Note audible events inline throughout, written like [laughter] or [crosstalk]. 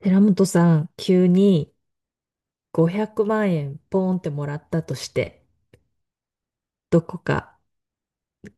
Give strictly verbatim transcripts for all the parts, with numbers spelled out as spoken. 寺本さん、急にごひゃくまん円ポーンってもらったとして、どこか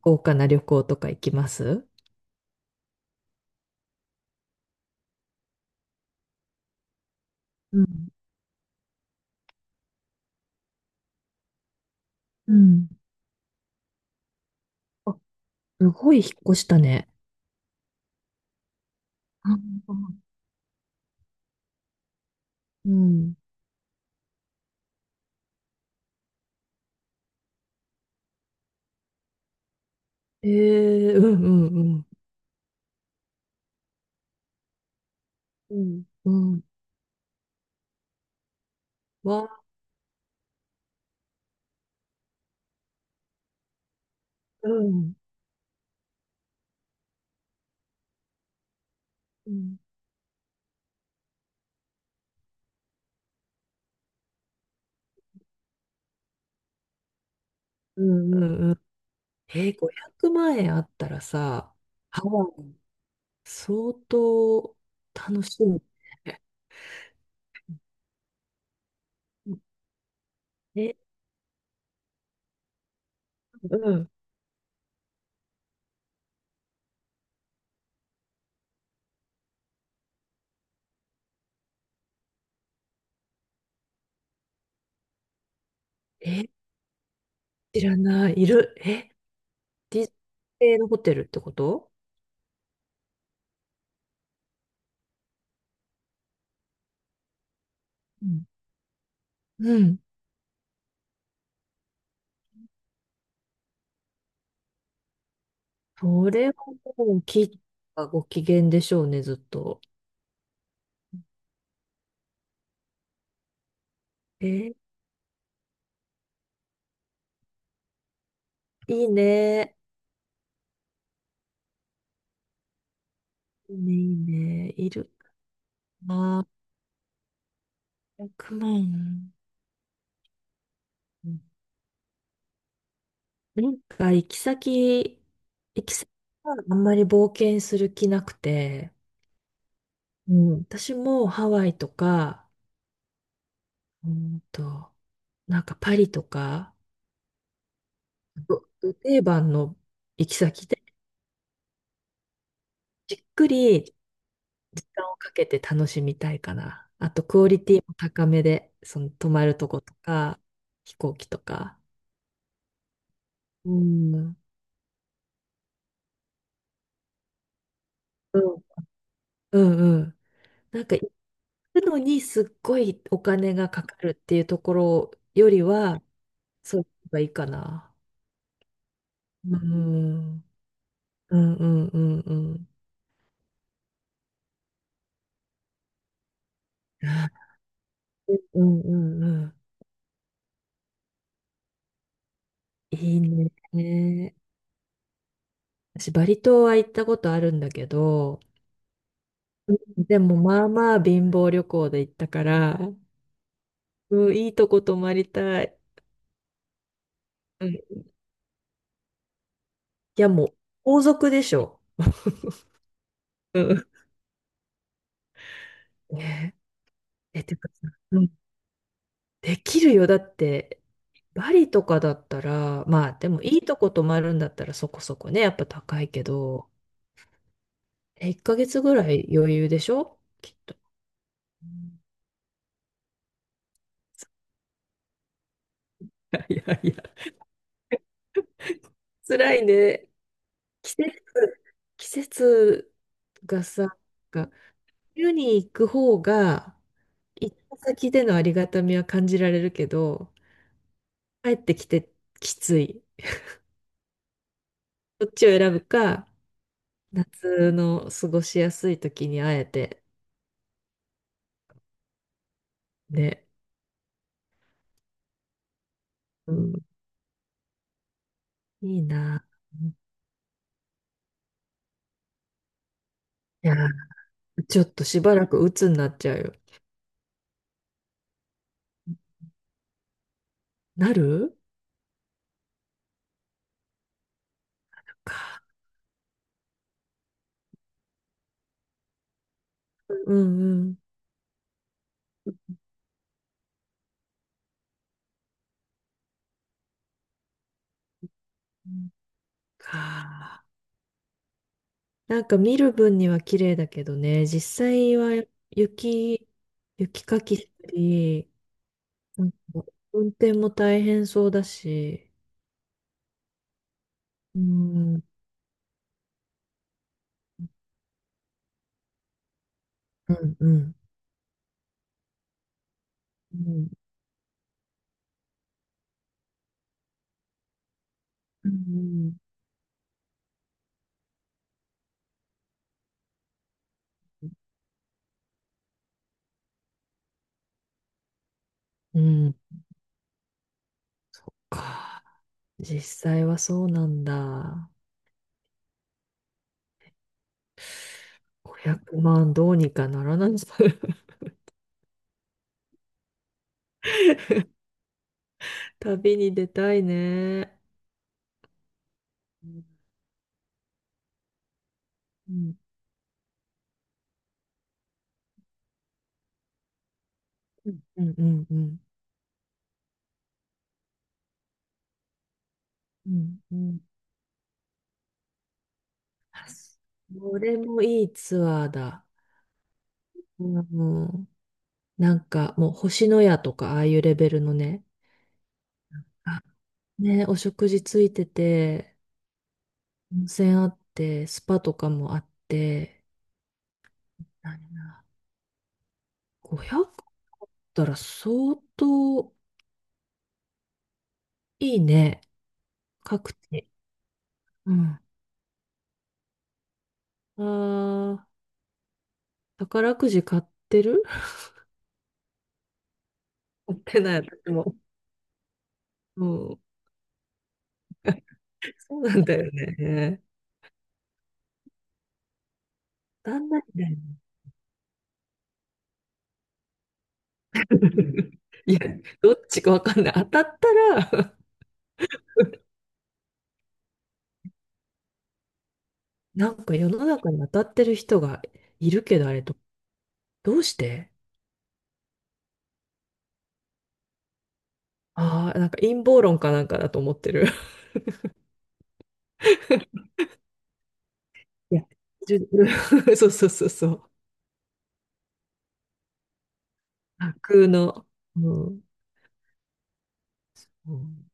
豪華な旅行とか行きます？うん。うん。あ、すごい引っ越したね。あ、うん。えー、うん。うん。うん。うん。うん。わ、うん。うん。うんうんうん。えー、ごひゃくまん円あったらさ、ハワイ、相当楽しみ。え、うん。え、知らない。いる。え、ディズニー系のホテルってこと？うん。うん。それはもう、キッがご機嫌でしょうね、ずっと。えー、いいね。いいね、いいね。いるかな。いちまん。うん。なんか、行き先、行き先はあんまり冒険する気なくて、うん、私もハワイとか、うんと、なんかパリとか、どど定番の行き先で、じっくり時間をかけて楽しみたいかな。あと、クオリティも高めで、その泊まるとことか、飛行機とか。うん。うんうんうん。なんか行くのにすっごいお金がかかるっていうところよりは、そういうのがいいかな。うん。うんうんうんうん。うんうんうん。いいね。私、バリ島は行ったことあるんだけど、でもまあまあ貧乏旅行で行ったから、うん、いいとこ泊まりたい。うん。いや、もう、皇族でしょ。うん。[laughs] ねえ、え、てかさ、うん、できるよ。だって、バリとかだったら、まあ、でもいいとこ泊まるんだったらそこそこね、やっぱ高いけど、え、いっかげつぐらい余裕でしょきっと。[laughs] うん。いやいや、[laughs] 辛いね。季節、季節がさ、が冬に行く方が、行った先でのありがたみは感じられるけど、帰ってきてきつい。どっちを選ぶか、夏の過ごしやすい時に会えて、ね。うん。いいな。いやー、ちょっとしばらく鬱になっちゃうよ。なるか。うんうん。か。なんか見る分には綺麗だけどね、実際は雪、雪かきしたり、なんか運転も大変そうだし。うん、うん、うん。うん、うん。うんうん。か。実際はそうなんだ。ごひゃくまんどうにかならないの？ [laughs] 旅に出たいね。うん、うん、うん、うん、うん。うんうん。これもいいツアーだ。うん、なんかもう星のやとかああいうレベルのね、あ、ね、お食事ついてて、温泉あって、スパとかもあって、何だごひゃくだったら相当いいね。確定。うん。ああ、宝くじ買ってる。 [laughs] 買ってない、私も。うん。そうなんだよね。当たんないんだよね。[laughs] いや、どっちかわかんない。当たったら、なんか世の中に当たってる人がいるけど、あれど、どうして。ああー、なんか陰謀論かなんかだと思ってる。[laughs] いや、じゅ、 [laughs] そうそうそうそう。架空の。うん。うん。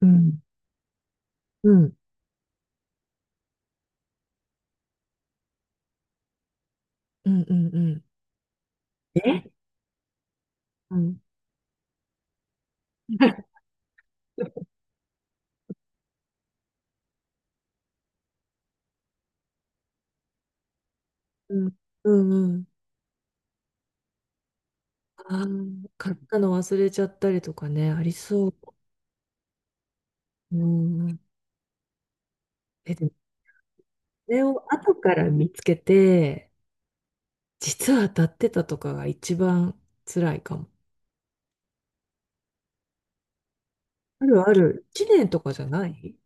うん。うん。うん。うん。うん。え、うん。[laughs] うん、うんうん。ああ、買ったの忘れちゃったりとかね、ありそう。うん。え、でも、これを後から見つけて、実は当たってたとかが一番辛いかも。あるある。一年とかじゃない？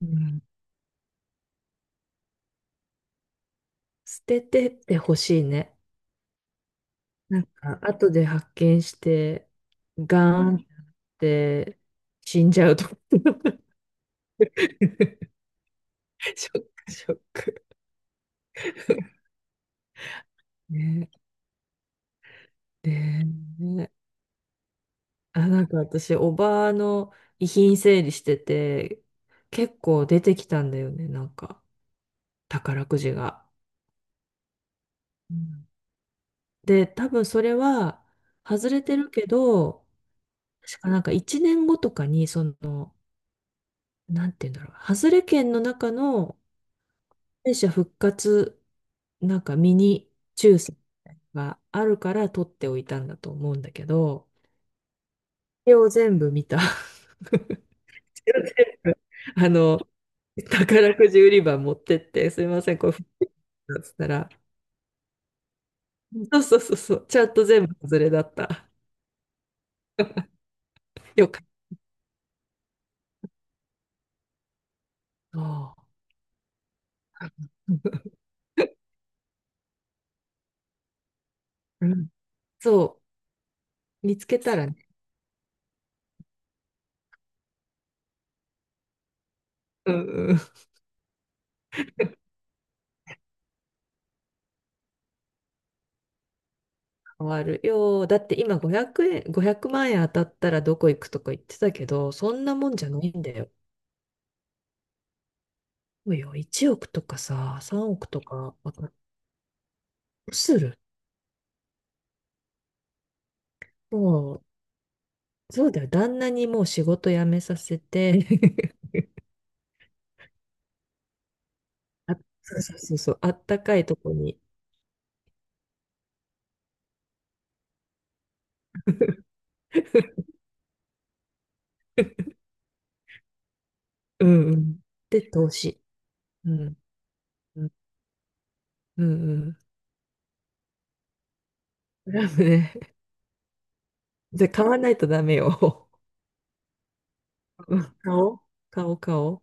うん。捨ててってほしいね。なんか、後で発見して、ガーンって死んじゃうと。[laughs] ショック、ショック。[laughs] ね、ね、あ、なんか私、おばあの遺品整理してて、結構出てきたんだよね、なんか、宝くじが。うん。で、多分それは外れてるけど、確かなんかいちねんごとかに、その、なんて言うんだろう、外れ券の中の敗者復活、なんかミニ抽選があるから取っておいたんだと思うんだけど、それを全部見た。[laughs] 全部、あの、宝くじ売り場持ってって、すいません、これ、だっつったら、そうそうそうそう、ちゃんと全部外れだった。よかった。うん、そう、見つけたらね、うんうん、変わるよ。だって今ごひゃくえん、ごひゃくまん円当たったらどこ行くとか言ってたけど、そんなもんじゃないんだよ。そうよ、いちおくとかさ、さんおくとか、わかどうする。もう、そうだよ、旦那にもう仕事辞めさせて、あ、そうそうそうそう、あったかいとこに。[laughs] うんうん。で、投資。うん。うんうんうん。クラブね。じゃあ買わないとダメよ。[laughs] うん、買おう。[laughs] 買おう、買おう。